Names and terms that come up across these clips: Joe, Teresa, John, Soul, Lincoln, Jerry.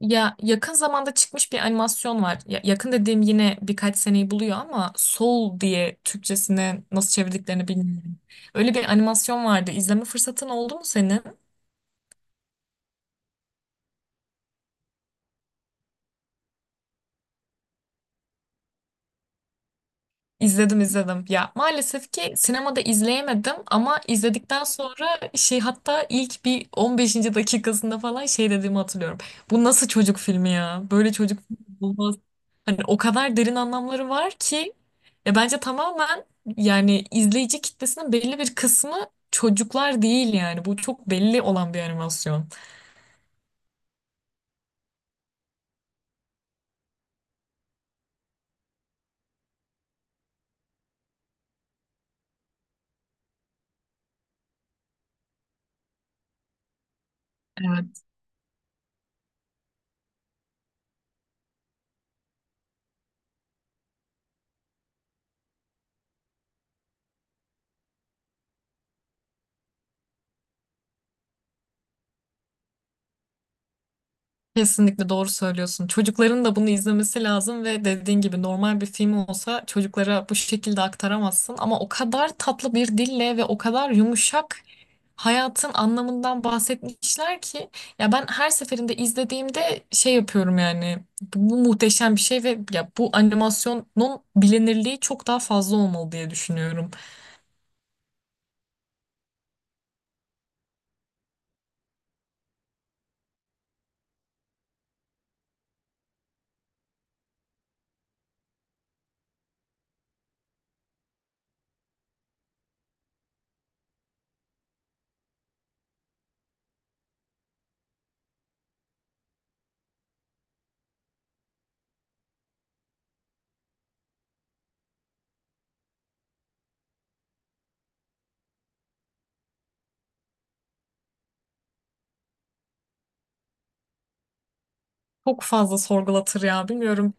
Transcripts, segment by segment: Ya yakın zamanda çıkmış bir animasyon var. Ya, yakın dediğim yine birkaç seneyi buluyor ama Soul diye Türkçesine nasıl çevirdiklerini bilmiyorum. Öyle bir animasyon vardı. İzleme fırsatın oldu mu senin? İzledim, izledim. Ya maalesef ki sinemada izleyemedim ama izledikten sonra şey, hatta ilk bir 15. dakikasında falan şey dediğimi hatırlıyorum. Bu nasıl çocuk filmi ya? Böyle çocuk filmi olmaz. Hani o kadar derin anlamları var ki ya, bence tamamen, yani izleyici kitlesinin belli bir kısmı çocuklar değil yani. Bu çok belli olan bir animasyon. Kesinlikle doğru söylüyorsun. Çocukların da bunu izlemesi lazım ve dediğin gibi normal bir film olsa çocuklara bu şekilde aktaramazsın ama o kadar tatlı bir dille ve o kadar yumuşak hayatın anlamından bahsetmişler ki ya, ben her seferinde izlediğimde şey yapıyorum, yani bu muhteşem bir şey ve ya, bu animasyonun bilinirliği çok daha fazla olmalı diye düşünüyorum. Çok fazla sorgulatır ya, bilmiyorum.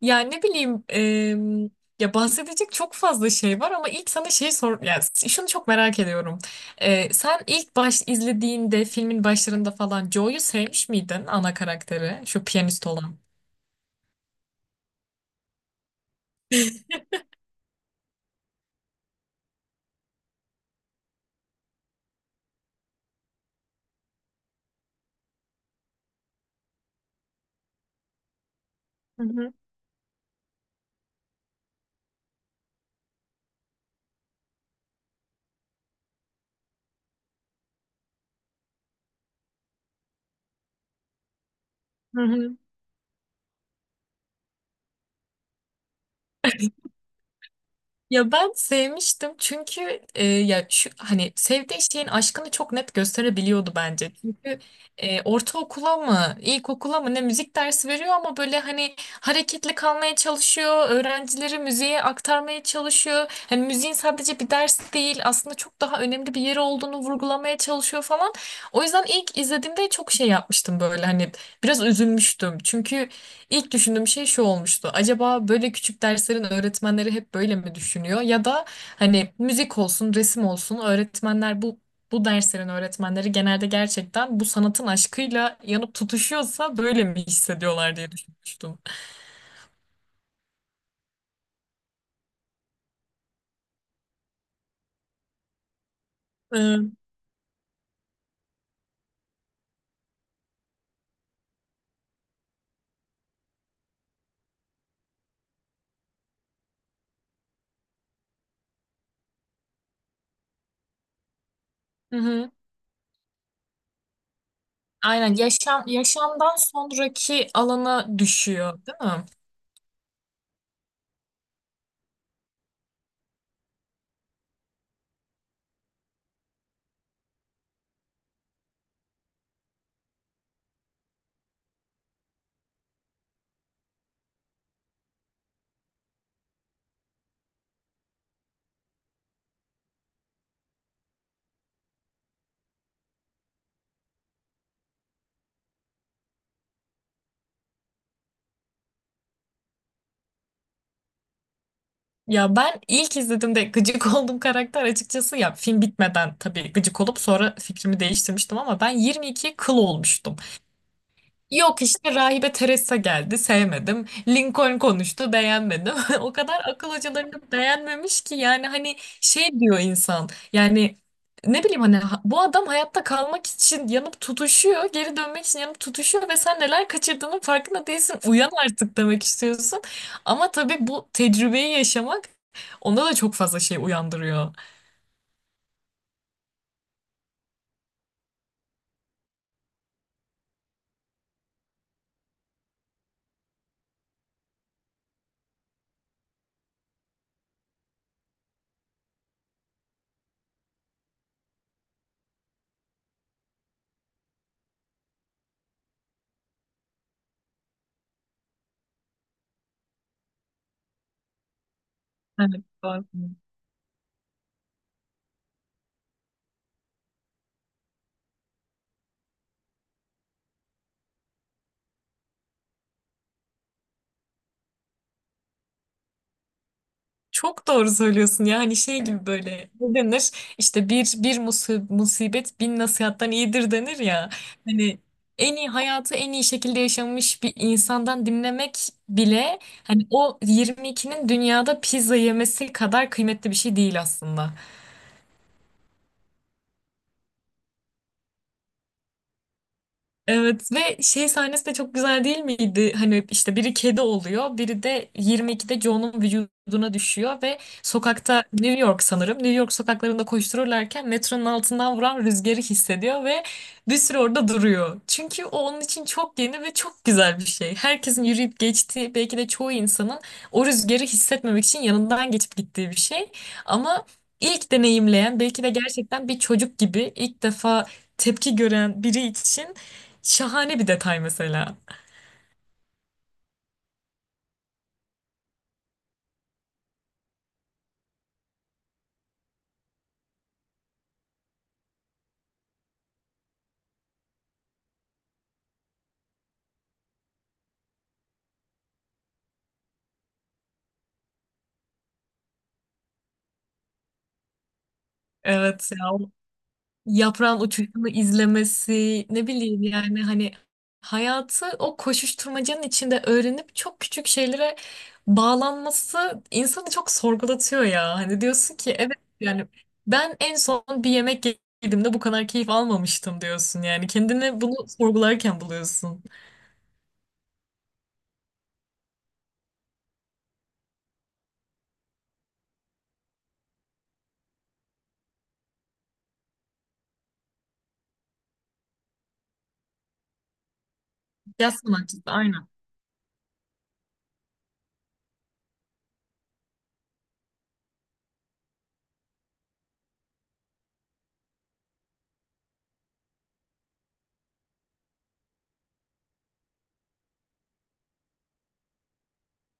Yani ne bileyim ya, bahsedecek çok fazla şey var ama ilk sana şey sor, yani şunu çok merak ediyorum. E, sen ilk baş izlediğinde filmin başlarında falan Joe'yu sevmiş miydin, ana karakteri şu piyanist olan? Hı hı. Hı hı. Ya ben sevmiştim çünkü ya şu hani sevdiği şeyin aşkını çok net gösterebiliyordu bence. Çünkü ortaokula mı, ilkokula mı ne müzik dersi veriyor ama böyle hani hareketli kalmaya çalışıyor, öğrencileri müziğe aktarmaya çalışıyor. Hani müziğin sadece bir ders değil, aslında çok daha önemli bir yeri olduğunu vurgulamaya çalışıyor falan. O yüzden ilk izlediğimde çok şey yapmıştım, böyle hani biraz üzülmüştüm. Çünkü İlk düşündüğüm şey şu olmuştu. Acaba böyle küçük derslerin öğretmenleri hep böyle mi düşünüyor? Ya da hani müzik olsun, resim olsun öğretmenler bu derslerin öğretmenleri genelde gerçekten bu sanatın aşkıyla yanıp tutuşuyorsa böyle mi hissediyorlar diye düşünmüştüm. Ee, hı hı. Aynen, yaşam yaşamdan sonraki alana düşüyor, değil mi? Ya ben ilk izlediğimde gıcık olduğum karakter, açıkçası ya film bitmeden tabii gıcık olup sonra fikrimi değiştirmiştim, ama ben 22 kıl olmuştum. Yok işte rahibe Teresa geldi, sevmedim. Lincoln konuştu, beğenmedim. O kadar akıl hocalarını beğenmemiş ki yani hani şey diyor insan, yani ne bileyim hani bu adam hayatta kalmak için yanıp tutuşuyor, geri dönmek için yanıp tutuşuyor ve sen neler kaçırdığının farkında değilsin, uyan artık demek istiyorsun. Ama tabii bu tecrübeyi yaşamak onda da çok fazla şey uyandırıyor. Evet, doğru. Çok doğru söylüyorsun ya, hani şey gibi, böyle ne denir, işte bir musibet bin nasihattan iyidir denir ya, hani en iyi hayatı en iyi şekilde yaşamış bir insandan dinlemek bile hani o 22'nin dünyada pizza yemesi kadar kıymetli bir şey değil aslında. Evet, ve şey sahnesi de çok güzel değil miydi? Hani işte biri kedi oluyor, biri de 22'de Joe'nun vücuduna düşüyor ve sokakta, New York sanırım. New York sokaklarında koştururlarken metronun altından vuran rüzgarı hissediyor ve bir süre orada duruyor. Çünkü o onun için çok yeni ve çok güzel bir şey. Herkesin yürüyüp geçtiği, belki de çoğu insanın o rüzgarı hissetmemek için yanından geçip gittiği bir şey. Ama ilk deneyimleyen, belki de gerçekten bir çocuk gibi ilk defa tepki gören biri için şahane bir detay mesela. Evet ya, o yaprağın uçuşunu izlemesi, ne bileyim yani hani hayatı o koşuşturmacanın içinde öğrenip çok küçük şeylere bağlanması insanı çok sorgulatıyor ya. Hani diyorsun ki evet, yani ben en son bir yemek yediğimde bu kadar keyif almamıştım diyorsun, yani kendini bunu sorgularken buluyorsun. Yaz sanatçısı, aynen.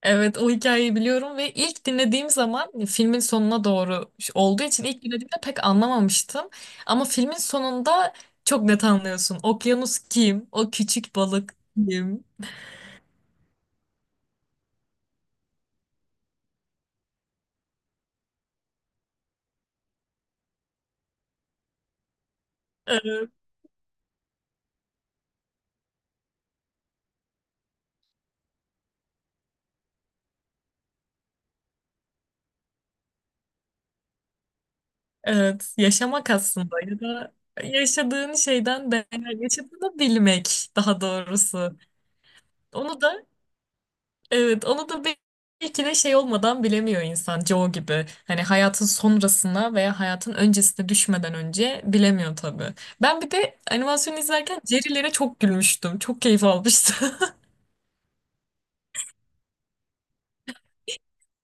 Evet o hikayeyi biliyorum ve ilk dinlediğim zaman filmin sonuna doğru olduğu için ilk dinlediğimde pek anlamamıştım. Ama filmin sonunda çok net anlıyorsun. Okyanus kim? O küçük balık kim? Evet, evet. Yaşamak aslında, ya da yaşadığın şeyden değer, yaşadığını bilmek daha doğrusu. Onu da, evet, onu da belki de şey olmadan bilemiyor insan, Joe gibi. Hani hayatın sonrasına veya hayatın öncesine düşmeden önce bilemiyor tabii. Ben bir de animasyon izlerken Jerry'lere çok gülmüştüm. Çok keyif almıştım.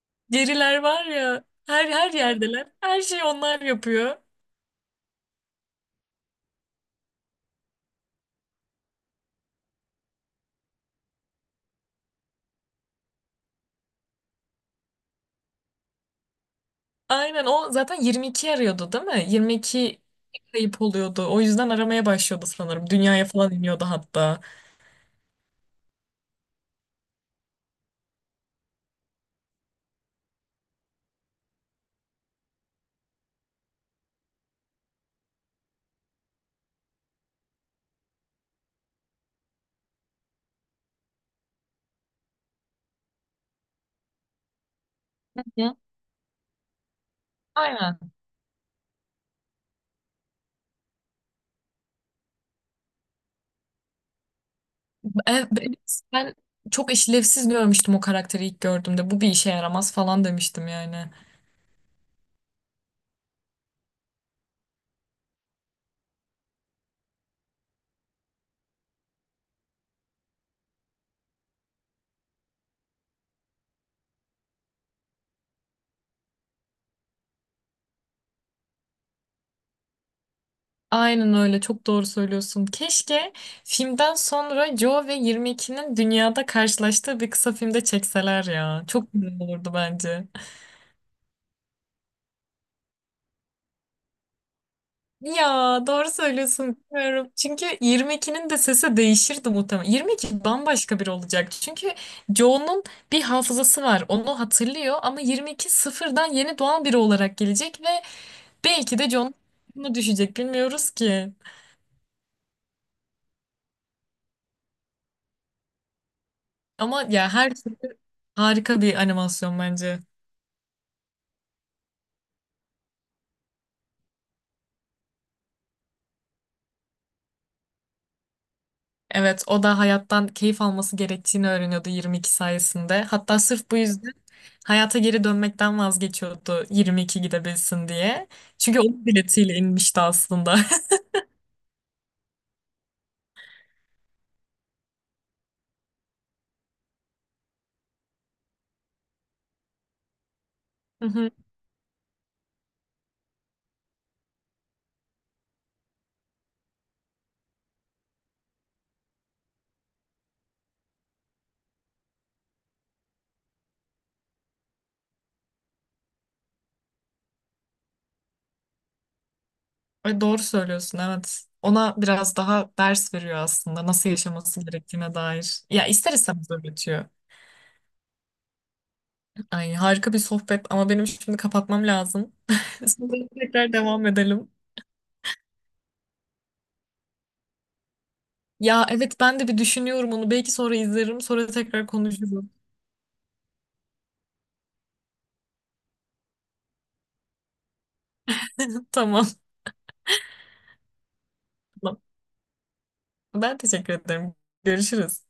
Jerry'ler var ya, her yerdeler. Her şeyi onlar yapıyor. Aynen, o zaten 22 arıyordu değil mi? 22 kayıp oluyordu. O yüzden aramaya başlıyordu sanırım. Dünyaya falan iniyordu hatta. Hı. Aynen. Evet, ben çok işlevsiz görmüştüm o karakteri ilk gördüğümde. Bu bir işe yaramaz falan demiştim yani. Aynen öyle, çok doğru söylüyorsun. Keşke filmden sonra Joe ve 22'nin dünyada karşılaştığı bir kısa filmde çekseler ya. Çok güzel olurdu bence. Ya doğru söylüyorsun, bilmiyorum. Çünkü 22'nin de sesi değişirdi muhtemelen. 22 bambaşka biri olacak. Çünkü Joe'nun bir hafızası var. Onu hatırlıyor ama 22 sıfırdan yeni doğan biri olarak gelecek ve belki de John mu düşecek bilmiyoruz ki. Ama ya, her türlü harika bir animasyon bence. Evet, o da hayattan keyif alması gerektiğini öğreniyordu 22 sayesinde. Hatta sırf bu yüzden hayata geri dönmekten vazgeçiyordu 22 gidebilsin diye. Çünkü onun biletiyle inmişti aslında. Hı hı. Ve doğru söylüyorsun, evet. Ona biraz daha ders veriyor aslında, nasıl yaşaması gerektiğine dair. Ya ister istemez öğretiyor. Ay harika bir sohbet ama benim şimdi kapatmam lazım. Sonra tekrar devam edelim. Ya evet, ben de bir düşünüyorum onu. Belki sonra izlerim. Sonra tekrar konuşuruz. Tamam. Tamam. Ben teşekkür ederim. Görüşürüz.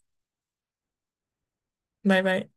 Bay bay.